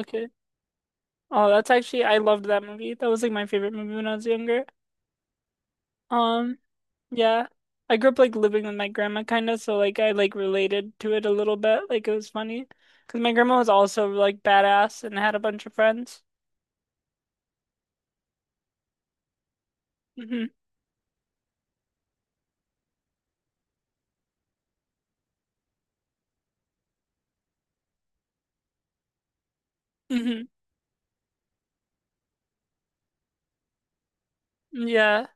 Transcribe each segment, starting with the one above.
Okay. Oh, that's actually I loved that movie. That was like my favorite movie when I was younger. Um, yeah. I grew up like living with my grandma kind of, so like I like related to it a little bit. Like it was funny because my grandma was also like badass and had a bunch of friends. hmm hmm Yeah.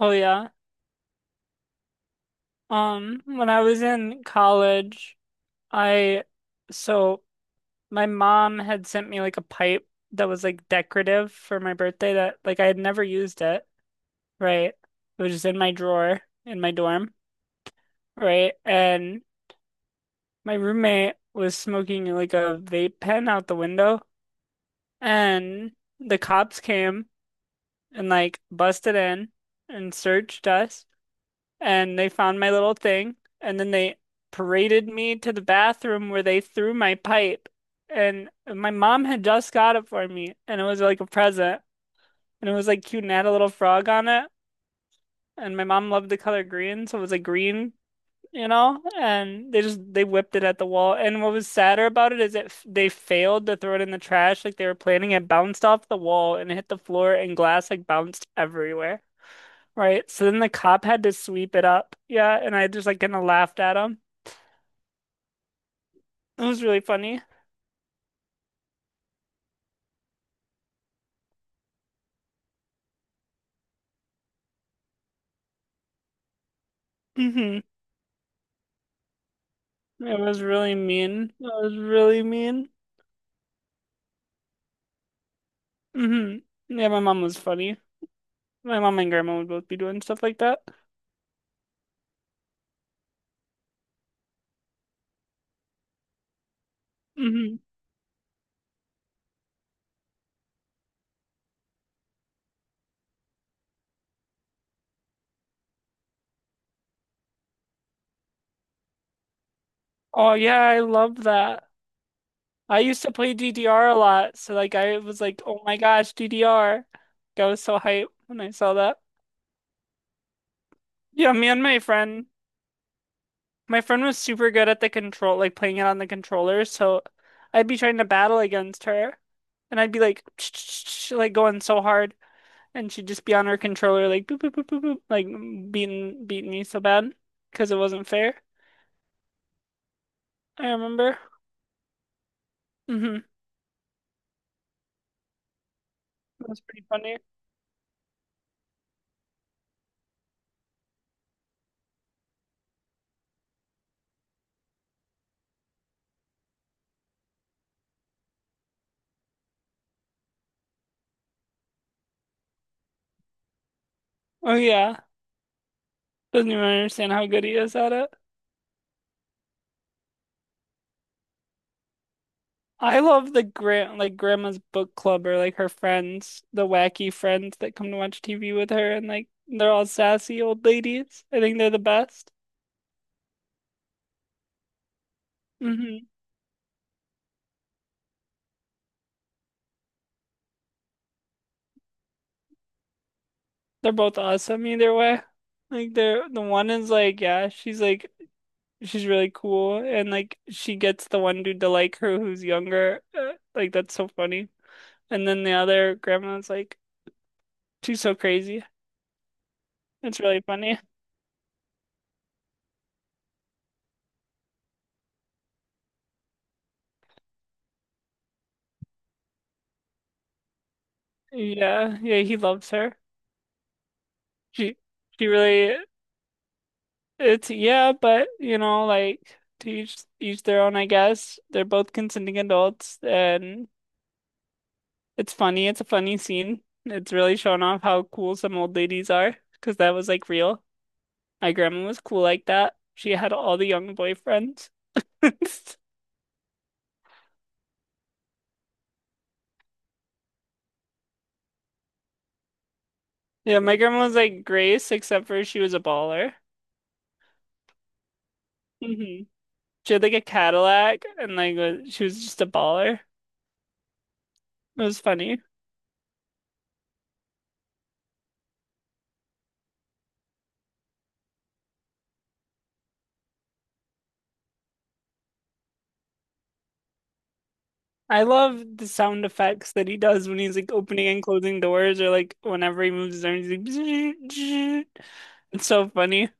Oh yeah. When I was in college, I so my mom had sent me like a pipe that was like decorative for my birthday that like I had never used it, right? It was just in my drawer in my dorm, right? And my roommate was smoking like a vape pen out the window, and the cops came and like busted in and searched us, and they found my little thing, and then they paraded me to the bathroom where they threw my pipe. And my mom had just got it for me, and it was like a present, and it was like cute and had a little frog on it. And my mom loved the color green, so it was a green, and they just they whipped it at the wall. And what was sadder about it is that they failed to throw it in the trash like they were planning. It bounced off the wall and hit the floor, and glass like bounced everywhere. Right. So then the cop had to sweep it up. Yeah, and I just like kind of laughed at him. It was really funny. hmm It was really mean. It was really mean. hmm Yeah, my mom was funny. My mom and grandma would both be doing stuff like that. hmm Oh yeah, I love that. I used to play DDR a lot, so like I was like, oh my gosh, DDR. Like, I was so hyped when I saw that. Yeah, me and my friend was super good at the control, like playing it on the controller, so I'd be trying to battle against her, and I'd be like, like going so hard, and she'd just be on her controller, like boop boop boop boop boop, like beating me so bad because it wasn't fair. I remember. Mm-hmm. That was pretty funny. Oh yeah, doesn't even understand how good he is at it. I love the grandma's book club or like her friends, the wacky friends that come to watch TV with her and like they're all sassy old ladies. I think they're the best. hmm They're both awesome either way. Like they're the one is like, yeah, she's like she's really cool and like she gets the one dude to like her who's younger. Like that's so funny. And then the other grandma's like, she's so crazy. It's really funny. Yeah, yeah, he loves her. She she really It's yeah, but you know, like to each their own, I guess. They're both consenting adults, and it's funny. It's a funny scene. It's really showing off how cool some old ladies are, because that was like real. My grandma was cool like that. She had all the young boyfriends. Yeah, my grandma was like Grace, except for she was a baller. hmm She had like a Cadillac, and she was just a baller. It was funny. I love the sound effects that he does when he's like opening and closing doors or like whenever he moves his arms, he's like It's so funny.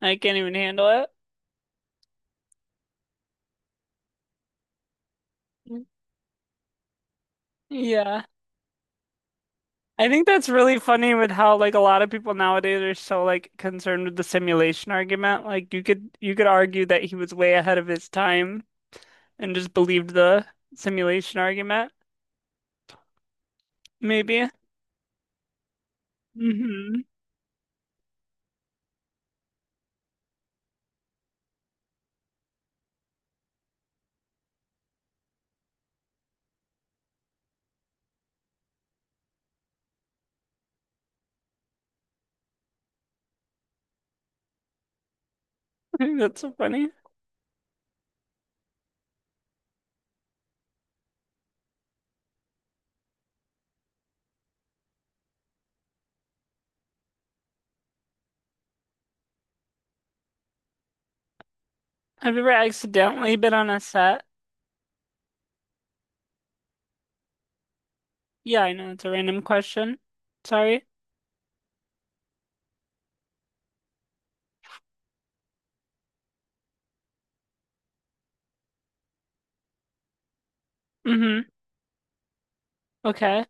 I can't even handle it. Yeah. I think that's really funny with how like a lot of people nowadays are so like concerned with the simulation argument. Like you could argue that he was way ahead of his time and just believed the simulation argument, maybe. hmm That's so funny. Have you ever accidentally been on a set? Yeah, I know it's a random question. Sorry. Mm-hmm. Okay.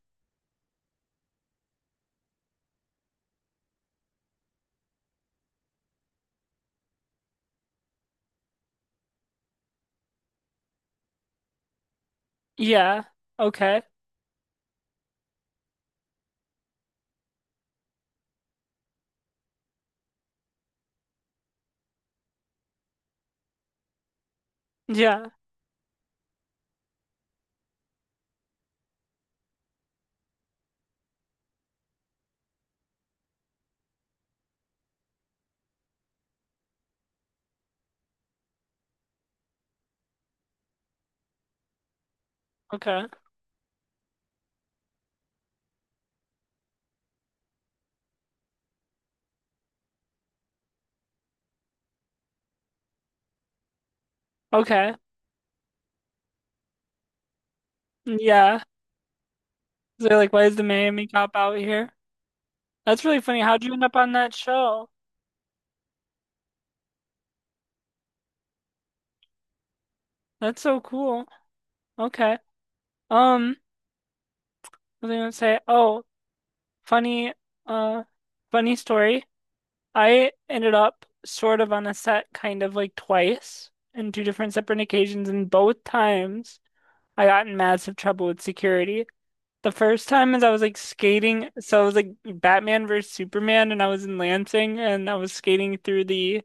Yeah. Okay. Yeah. Okay. Okay. Yeah. They're like, why is the Miami Cop out here? That's really funny. How'd you end up on that show? That's so cool. Okay. Um, what was I gonna say? Oh, funny, uh, funny story. I ended up sort of on a set kind of like twice in two different separate occasions, and both times I got in massive trouble with security. The first time is I was like skating, so it was like Batman versus Superman, and I was in Lansing, and I was skating through the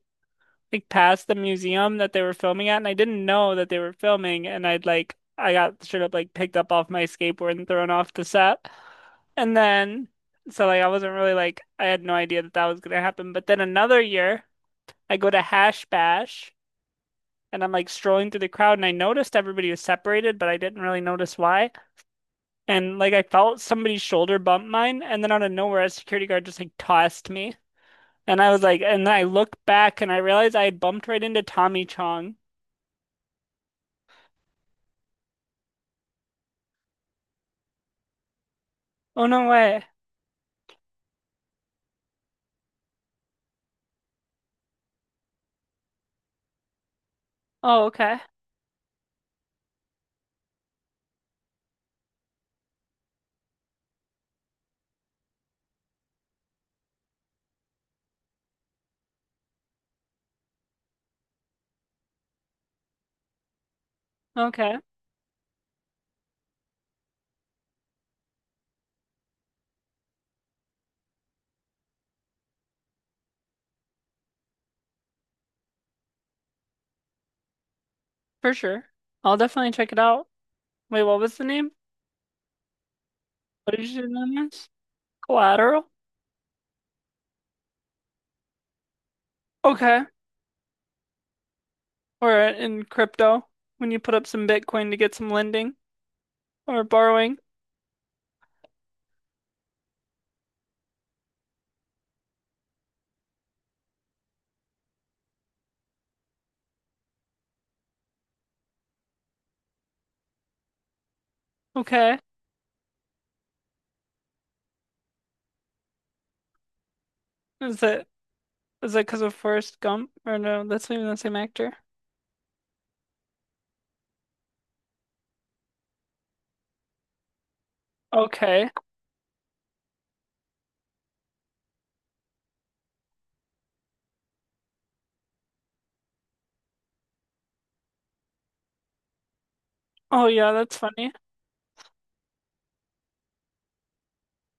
past the museum that they were filming at, and I didn't know that they were filming, and I got straight up like picked up off my skateboard and thrown off the set, and then so like I wasn't really like I had no idea that that was gonna happen, but then another year I go to Hash Bash, and I'm like strolling through the crowd, and I noticed everybody was separated, but I didn't really notice why. And like I felt somebody's shoulder bump mine, and then out of nowhere, a security guard just like tossed me. And I was like, and then I looked back and I realized I had bumped right into Tommy Chong. Oh no way. Oh, okay. Okay. For sure. I'll definitely check it out. Wait, what was the name? What did you say the name is? Collateral? Okay. Or in crypto, when you put up some Bitcoin to get some lending or borrowing. Okay. Is it is that because of Forrest Gump? Or no, that's not even the same actor. Okay. Oh yeah, that's funny.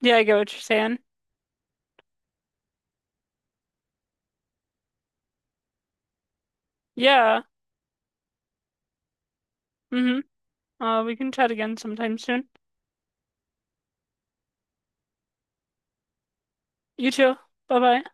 Yeah, I get what you're saying. Yeah. Mm-hmm. We can chat again sometime soon. You too. Bye bye.